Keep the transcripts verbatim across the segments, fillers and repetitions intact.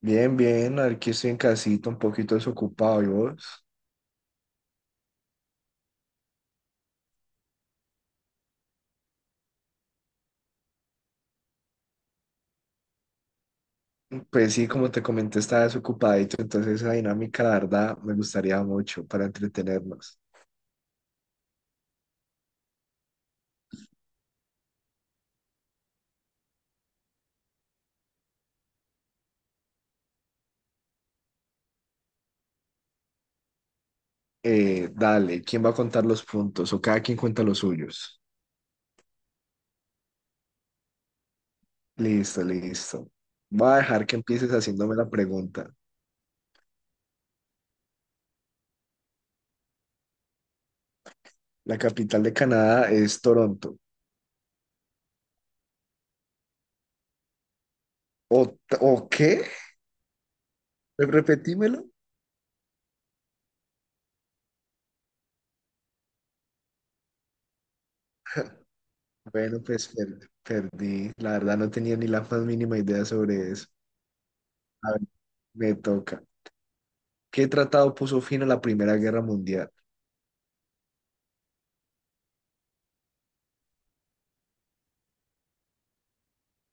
Bien, bien, aquí estoy en casita, un poquito desocupado, ¿y vos? Pues sí, como te comenté, estaba desocupadito, entonces esa dinámica, la verdad, me gustaría mucho para entretenernos. Eh, dale, ¿quién va a contar los puntos? O cada quien cuenta los suyos. Listo, listo. Voy a dejar que empieces haciéndome la pregunta. ¿La capital de Canadá es Toronto? ¿O, o qué? Repetímelo. Bueno, pues per- perdí. La verdad, no tenía ni la más mínima idea sobre eso. A ver, me toca. ¿Qué tratado puso fin a la Primera Guerra Mundial?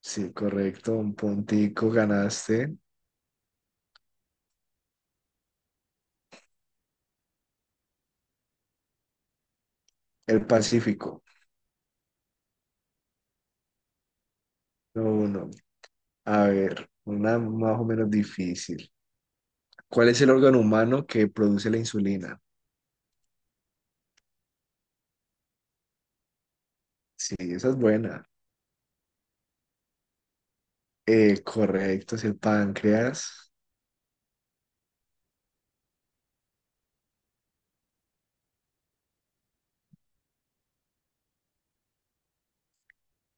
Sí, correcto, un puntico ganaste. El Pacífico. No, uno. A ver, una más o menos difícil. ¿Cuál es el órgano humano que produce la insulina? Sí, esa es buena. Eh, correcto, es el páncreas.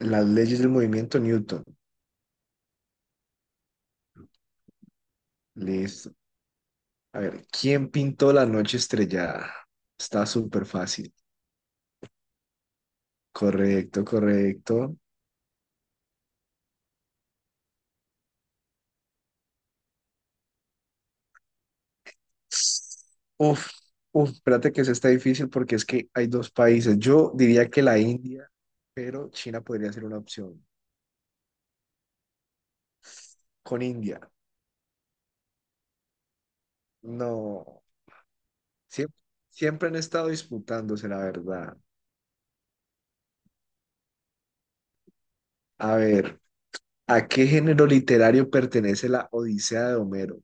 Las leyes del movimiento Newton. Listo. A ver, ¿quién pintó la noche estrellada? Está súper fácil. Correcto, correcto. Uf, uf, espérate que eso está difícil porque es que hay dos países. Yo diría que la India, pero China podría ser una opción. Con India, no. Siempre, siempre han estado disputándose, la verdad. A ver, ¿a qué género literario pertenece la Odisea de Homero?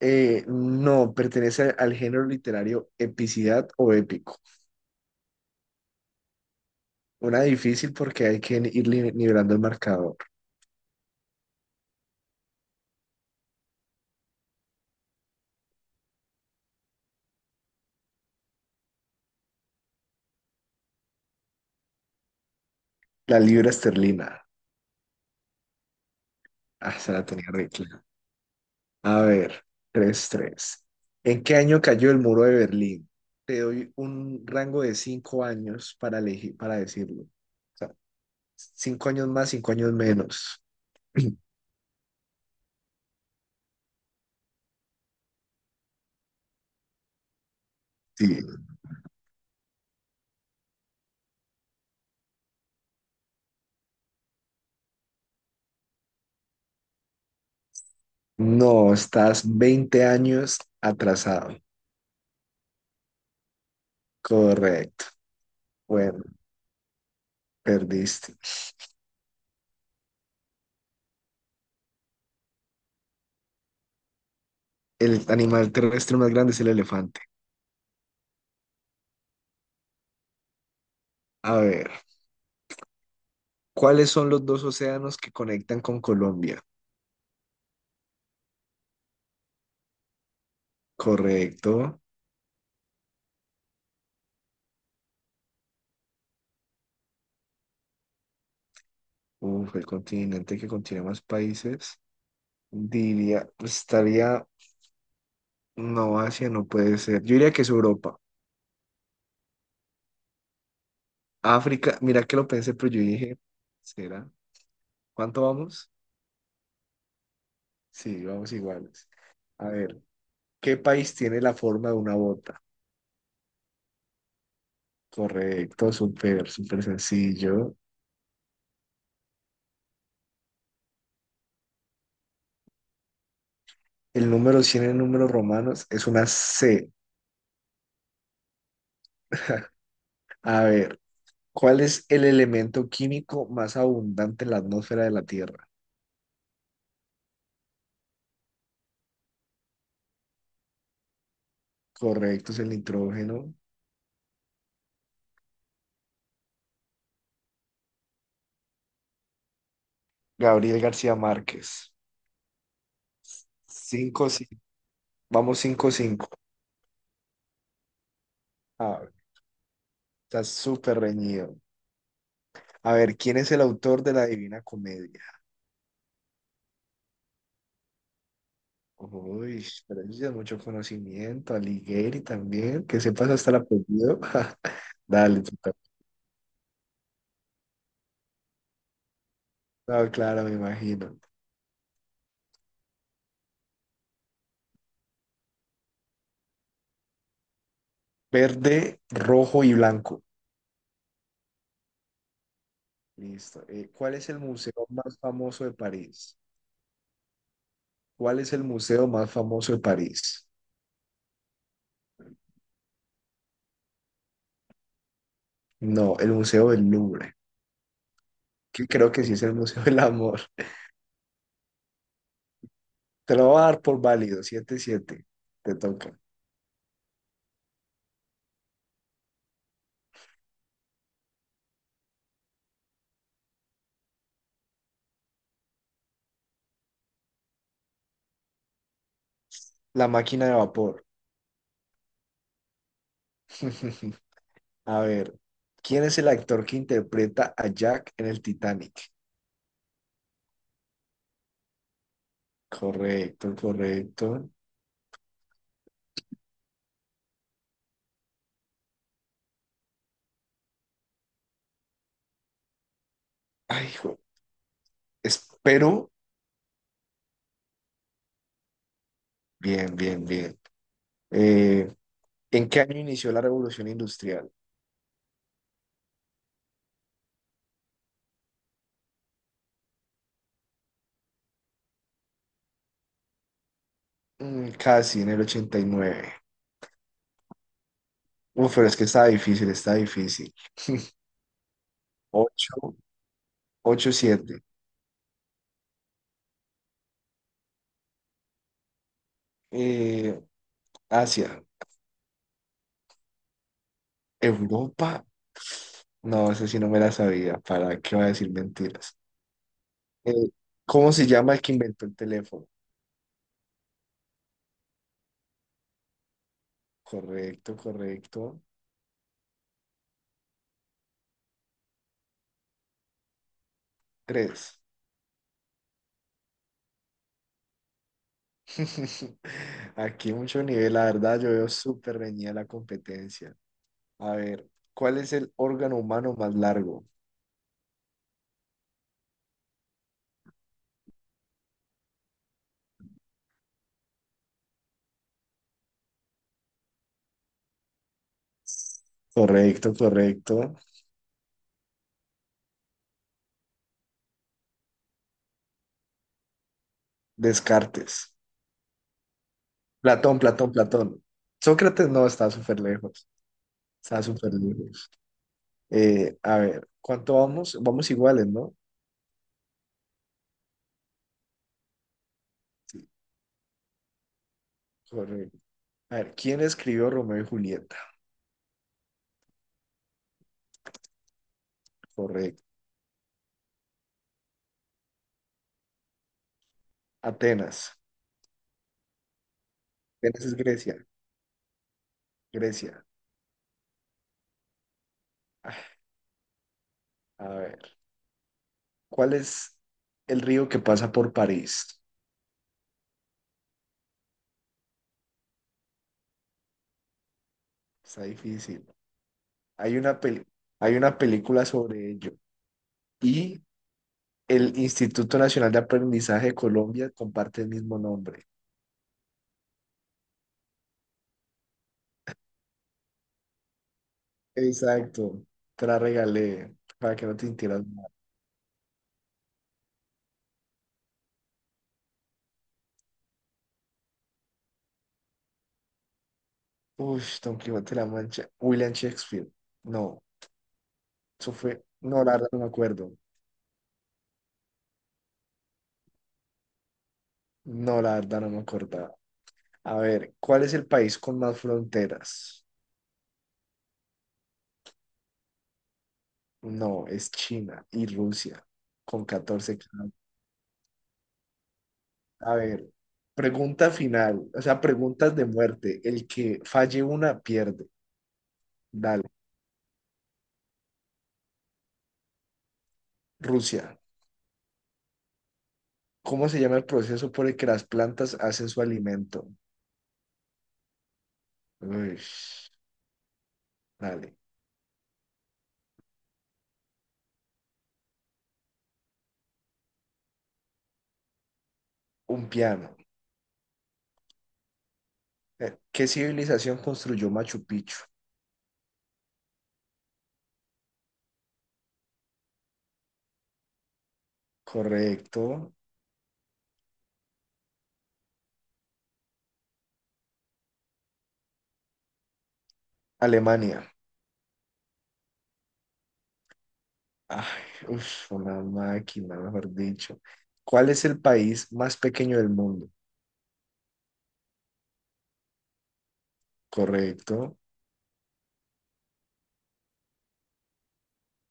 Eh, no, pertenece al género literario epicidad o épico. Una difícil porque hay que ir li- nivelando el marcador. La libra esterlina. Ah, se la tenía re A ver, tres tres. ¿En qué año cayó el muro de Berlín? Te doy un rango de cinco años para elegir, para decirlo. O sea, cinco años más, cinco años menos. Sí. No, estás veinte años atrasado. Correcto. Bueno, perdiste. El animal terrestre más grande es el elefante. A ver, ¿cuáles son los dos océanos que conectan con Colombia? Correcto. Uf, el continente que contiene más países. Diría, pues, estaría, no, Asia no puede ser. Yo diría que es Europa. África, mira que lo pensé, pero yo dije, ¿será? ¿Cuánto vamos? Sí, vamos iguales. A ver, ¿qué país tiene la forma de una bota? Correcto, súper, súper sencillo. El número cien en números romanos es una C. A ver, ¿cuál es el elemento químico más abundante en la atmósfera de la Tierra? Correcto, es el nitrógeno. Gabriel García Márquez. Cinco sí. Vamos cinco cinco. Ah, está súper reñido. A ver, ¿quién es el autor de la Divina Comedia? Uy, pero eso ya es mucho conocimiento. Alighieri también, que sepas hasta el apellido. Dale, tú ta- No, claro, me imagino. Verde, rojo y blanco. Listo. Eh, ¿cuál es el museo más famoso de París? ¿Cuál es el museo más famoso de París? No, el Museo del Louvre, que creo que sí es el Museo del Amor. Te lo voy a dar por válido, siete siete. Te toca. La máquina de vapor. A ver, ¿quién es el actor que interpreta a Jack en el Titanic? Correcto, correcto. Ay, hijo, espero. Bien, bien, bien. Eh, ¿En qué año inició la revolución industrial? Mm, casi en el ochenta y nueve. Uf, pero es que está difícil, está difícil. Ocho ocho siete. Eh, Asia, Europa. No, eso sí no me la sabía. ¿Para qué va a decir mentiras? Eh, ¿Cómo se llama el que inventó el teléfono? Correcto, correcto. Tres. Aquí mucho nivel, la verdad, yo veo súper reñida la competencia. A ver, ¿cuál es el órgano humano más largo? Correcto, correcto. Descartes. Platón, Platón, Platón. Sócrates no, está súper lejos. Está súper lejos. Eh, a ver, ¿cuánto vamos? Vamos iguales, ¿no? Correcto. A ver, ¿quién escribió Romeo y Julieta? Correcto. Atenas. Atenas es Grecia. Grecia. Ah, A ver. ¿Cuál es el río que pasa por París? Está difícil. Hay una peli- hay una película sobre ello. Y el Instituto Nacional de Aprendizaje de Colombia comparte el mismo nombre. Exacto. Te la regalé para que no te sintieras mal. Uy, Don Quijote de la Mancha. William Shakespeare. No, eso fue. No, la verdad no me acuerdo. No, la verdad no me acordaba. A ver, ¿cuál es el país con más fronteras? No, es China y Rusia, con catorce. A ver, pregunta final, o sea, preguntas de muerte. El que falle una pierde. Dale. Rusia, ¿cómo se llama el proceso por el que las plantas hacen su alimento? Uy, dale. Un piano. Eh, ¿Qué civilización construyó Machu Picchu? Correcto. Alemania. Ay, uf, una máquina, mejor dicho. ¿Cuál es el país más pequeño del mundo? Correcto.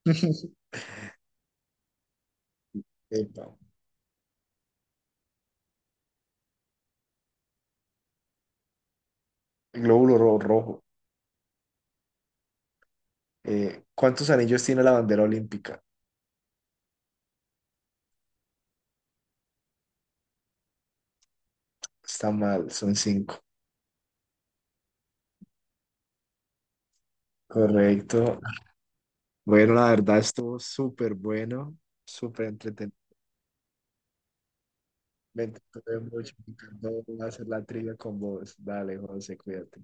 Epa, glóbulo ro- rojo. Eh, ¿cuántos anillos tiene la bandera olímpica? Está mal, son cinco. Correcto. Bueno, la verdad estuvo súper bueno, súper entretenido. Me entretuve mucho, me encantó hacer la trivia con vos. Dale, José, cuídate.